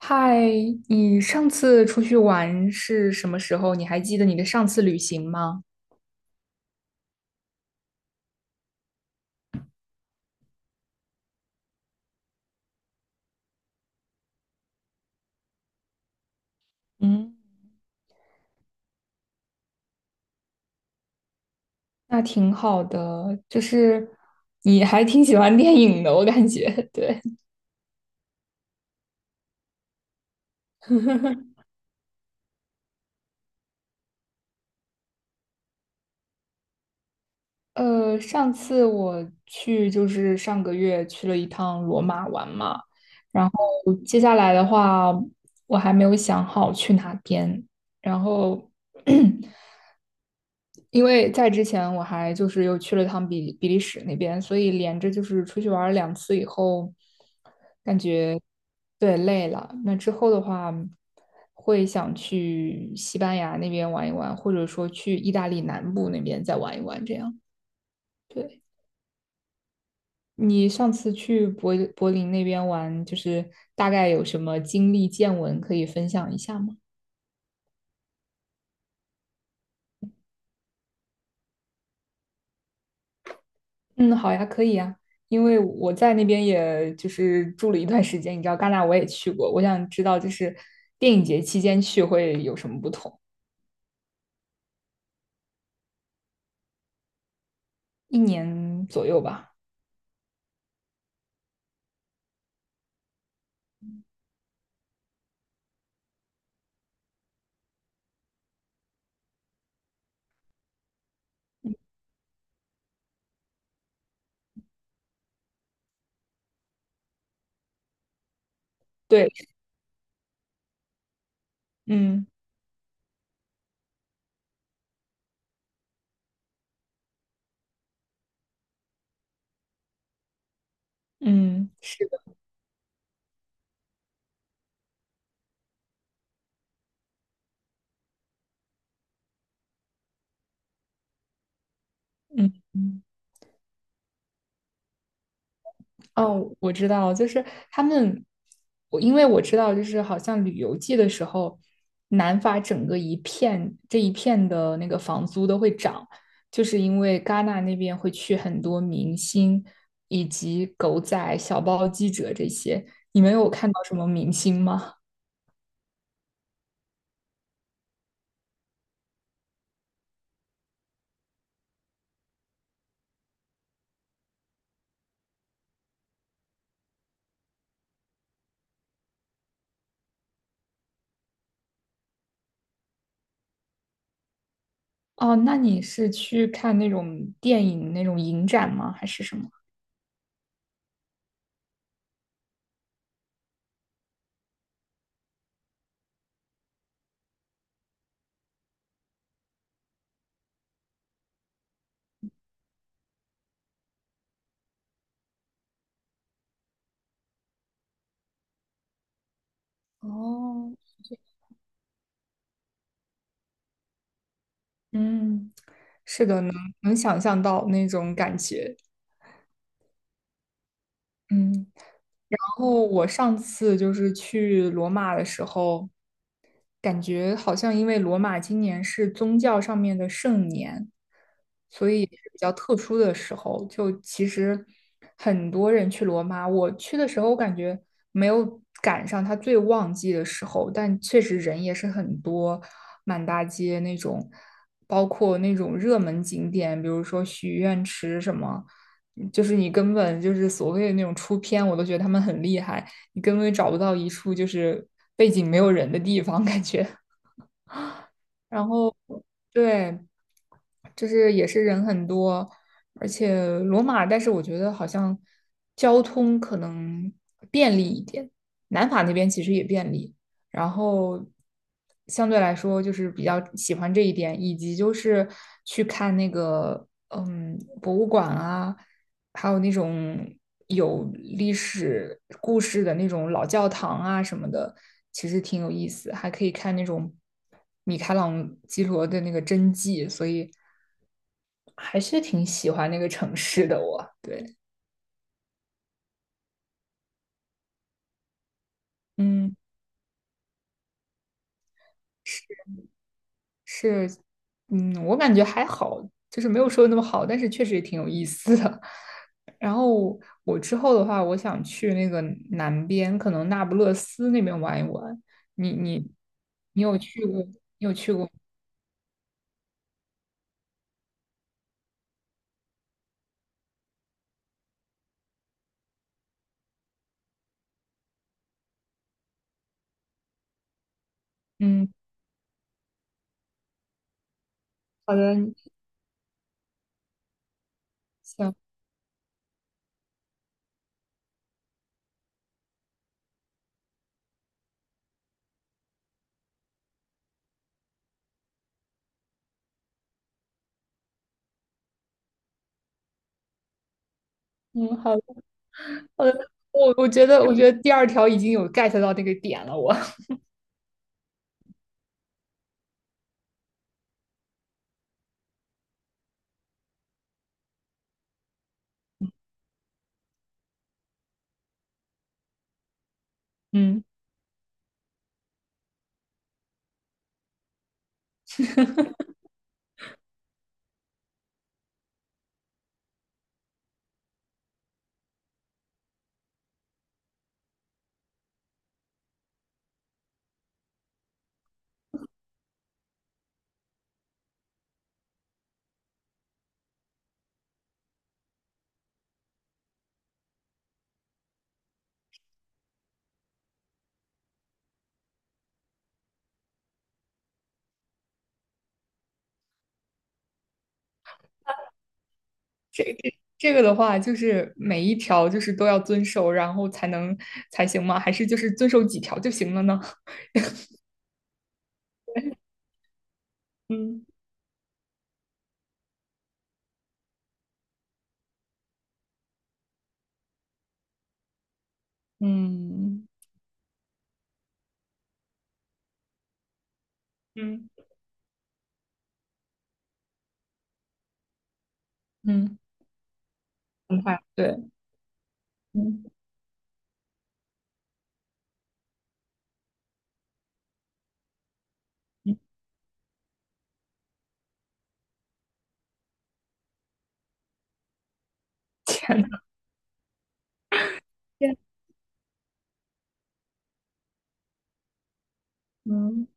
嗨，你上次出去玩是什么时候？你还记得你的上次旅行吗？嗯，那挺好的，就是你还挺喜欢电影的，我感觉。对，上次我去就是上个月去了一趟罗马玩嘛，然后接下来的话我还没有想好去哪边，然后 因为在之前我还就是又去了趟比利时那边，所以连着就是出去玩儿两次以后，感觉对，累了。那之后的话，会想去西班牙那边玩一玩，或者说去意大利南部那边再玩一玩。这样，对。你上次去柏林那边玩，就是大概有什么经历见闻可以分享一下吗？嗯，好呀，可以呀，因为我在那边也就是住了一段时间，你知道戛纳我也去过，我想知道就是电影节期间去会有什么不同，一年左右吧。对，嗯嗯，是的。嗯。嗯，哦，我知道，就是他们，因为我知道，就是好像旅游季的时候，南法整个一片这一片的那个房租都会涨，就是因为戛纳那边会去很多明星以及狗仔、小报记者这些。你们有看到什么明星吗？哦，那你是去看那种电影那种影展吗？还是什么？哦，嗯，是的，能想象到那种感觉。嗯。然后我上次就是去罗马的时候，感觉好像因为罗马今年是宗教上面的圣年，所以也是比较特殊的时候。就其实很多人去罗马，我去的时候我感觉没有赶上他最旺季的时候，但确实人也是很多，满大街那种，包括那种热门景点，比如说许愿池什么。就是你根本就是所谓的那种出片，我都觉得他们很厉害，你根本找不到一处就是背景没有人的地方感觉。然后，对，就是也是人很多，而且罗马，但是我觉得好像交通可能便利一点，南法那边其实也便利，然后相对来说就是比较喜欢这一点，以及就是去看那个博物馆啊，还有那种有历史故事的那种老教堂啊什么的，其实挺有意思，还可以看那种米开朗基罗的那个真迹，所以。还是挺喜欢那个城市的我。对，嗯。是，是。嗯，我感觉还好，就是没有说的那么好，但是确实也挺有意思的。然后我之后的话，我想去那个南边，可能那不勒斯那边玩一玩。你你你有去过？嗯，好的，行，嗯，好的好的。我觉得第二条已经有 get 到那个点了，我 嗯。这个的话，就是每一条就是都要遵守，然后才行吗？还是就是遵守几条就行了呢？嗯嗯嗯，嗯，很快，对，嗯嗯，天呐，对，嗯嗯，天，嗯，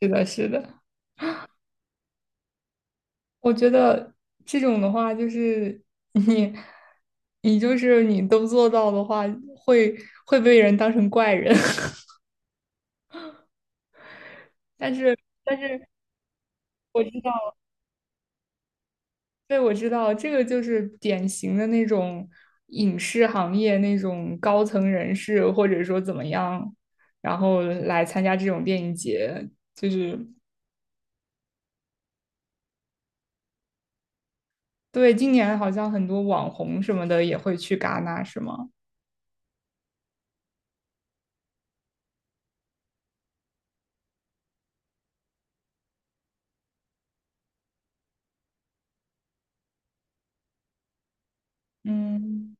是的，是的。我觉得这种的话，就是你你都做到的话，会会被人当成怪人，但是但是我知道。对，我知道这个就是典型的那种影视行业那种高层人士，或者说怎么样，然后来参加这种电影节，就是对，今年好像很多网红什么的也会去戛纳，是吗？嗯。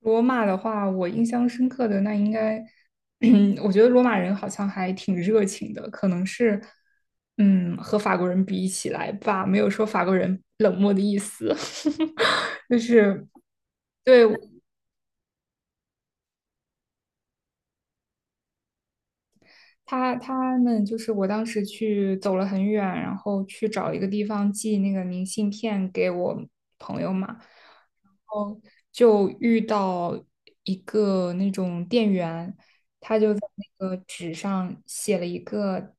罗马的话，我印象深刻的那应该，我觉得罗马人好像还挺热情的，可能是，嗯，和法国人比起来吧，没有说法国人冷漠的意思，就是对，他们就是我当时去走了很远，然后去找一个地方寄那个明信片给我朋友嘛，后就遇到一个那种店员，他就在那个纸上写了一个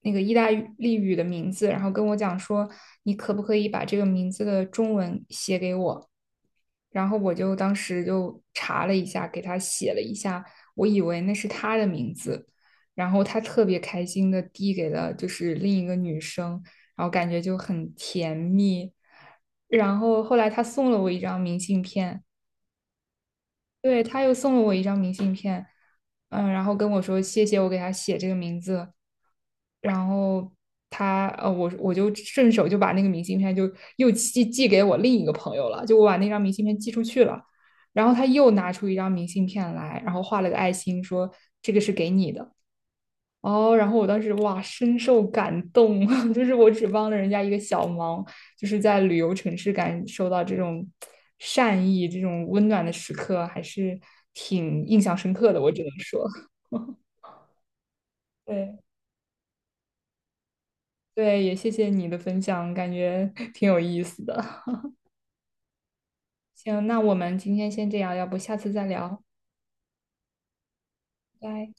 那个意大利语的名字，然后跟我讲说，你可不可以把这个名字的中文写给我？然后我就当时就查了一下，给他写了一下，我以为那是他的名字，然后他特别开心的递给了就是另一个女生，然后感觉就很甜蜜。然后后来他送了我一张明信片，对，他又送了我一张明信片，嗯，然后跟我说谢谢我给他写这个名字，然后他我就顺手就把那个明信片就又寄给我另一个朋友了，就我把那张明信片寄出去了，然后他又拿出一张明信片来，然后画了个爱心，说这个是给你的。哦，然后我当时哇，深受感动，就是我只帮了人家一个小忙，就是在旅游城市感受到这种善意、这种温暖的时刻，还是挺印象深刻的，我只能说。对对，也谢谢你的分享，感觉 挺有意思的。行，那我们今天先这样，要不下次再聊，拜拜。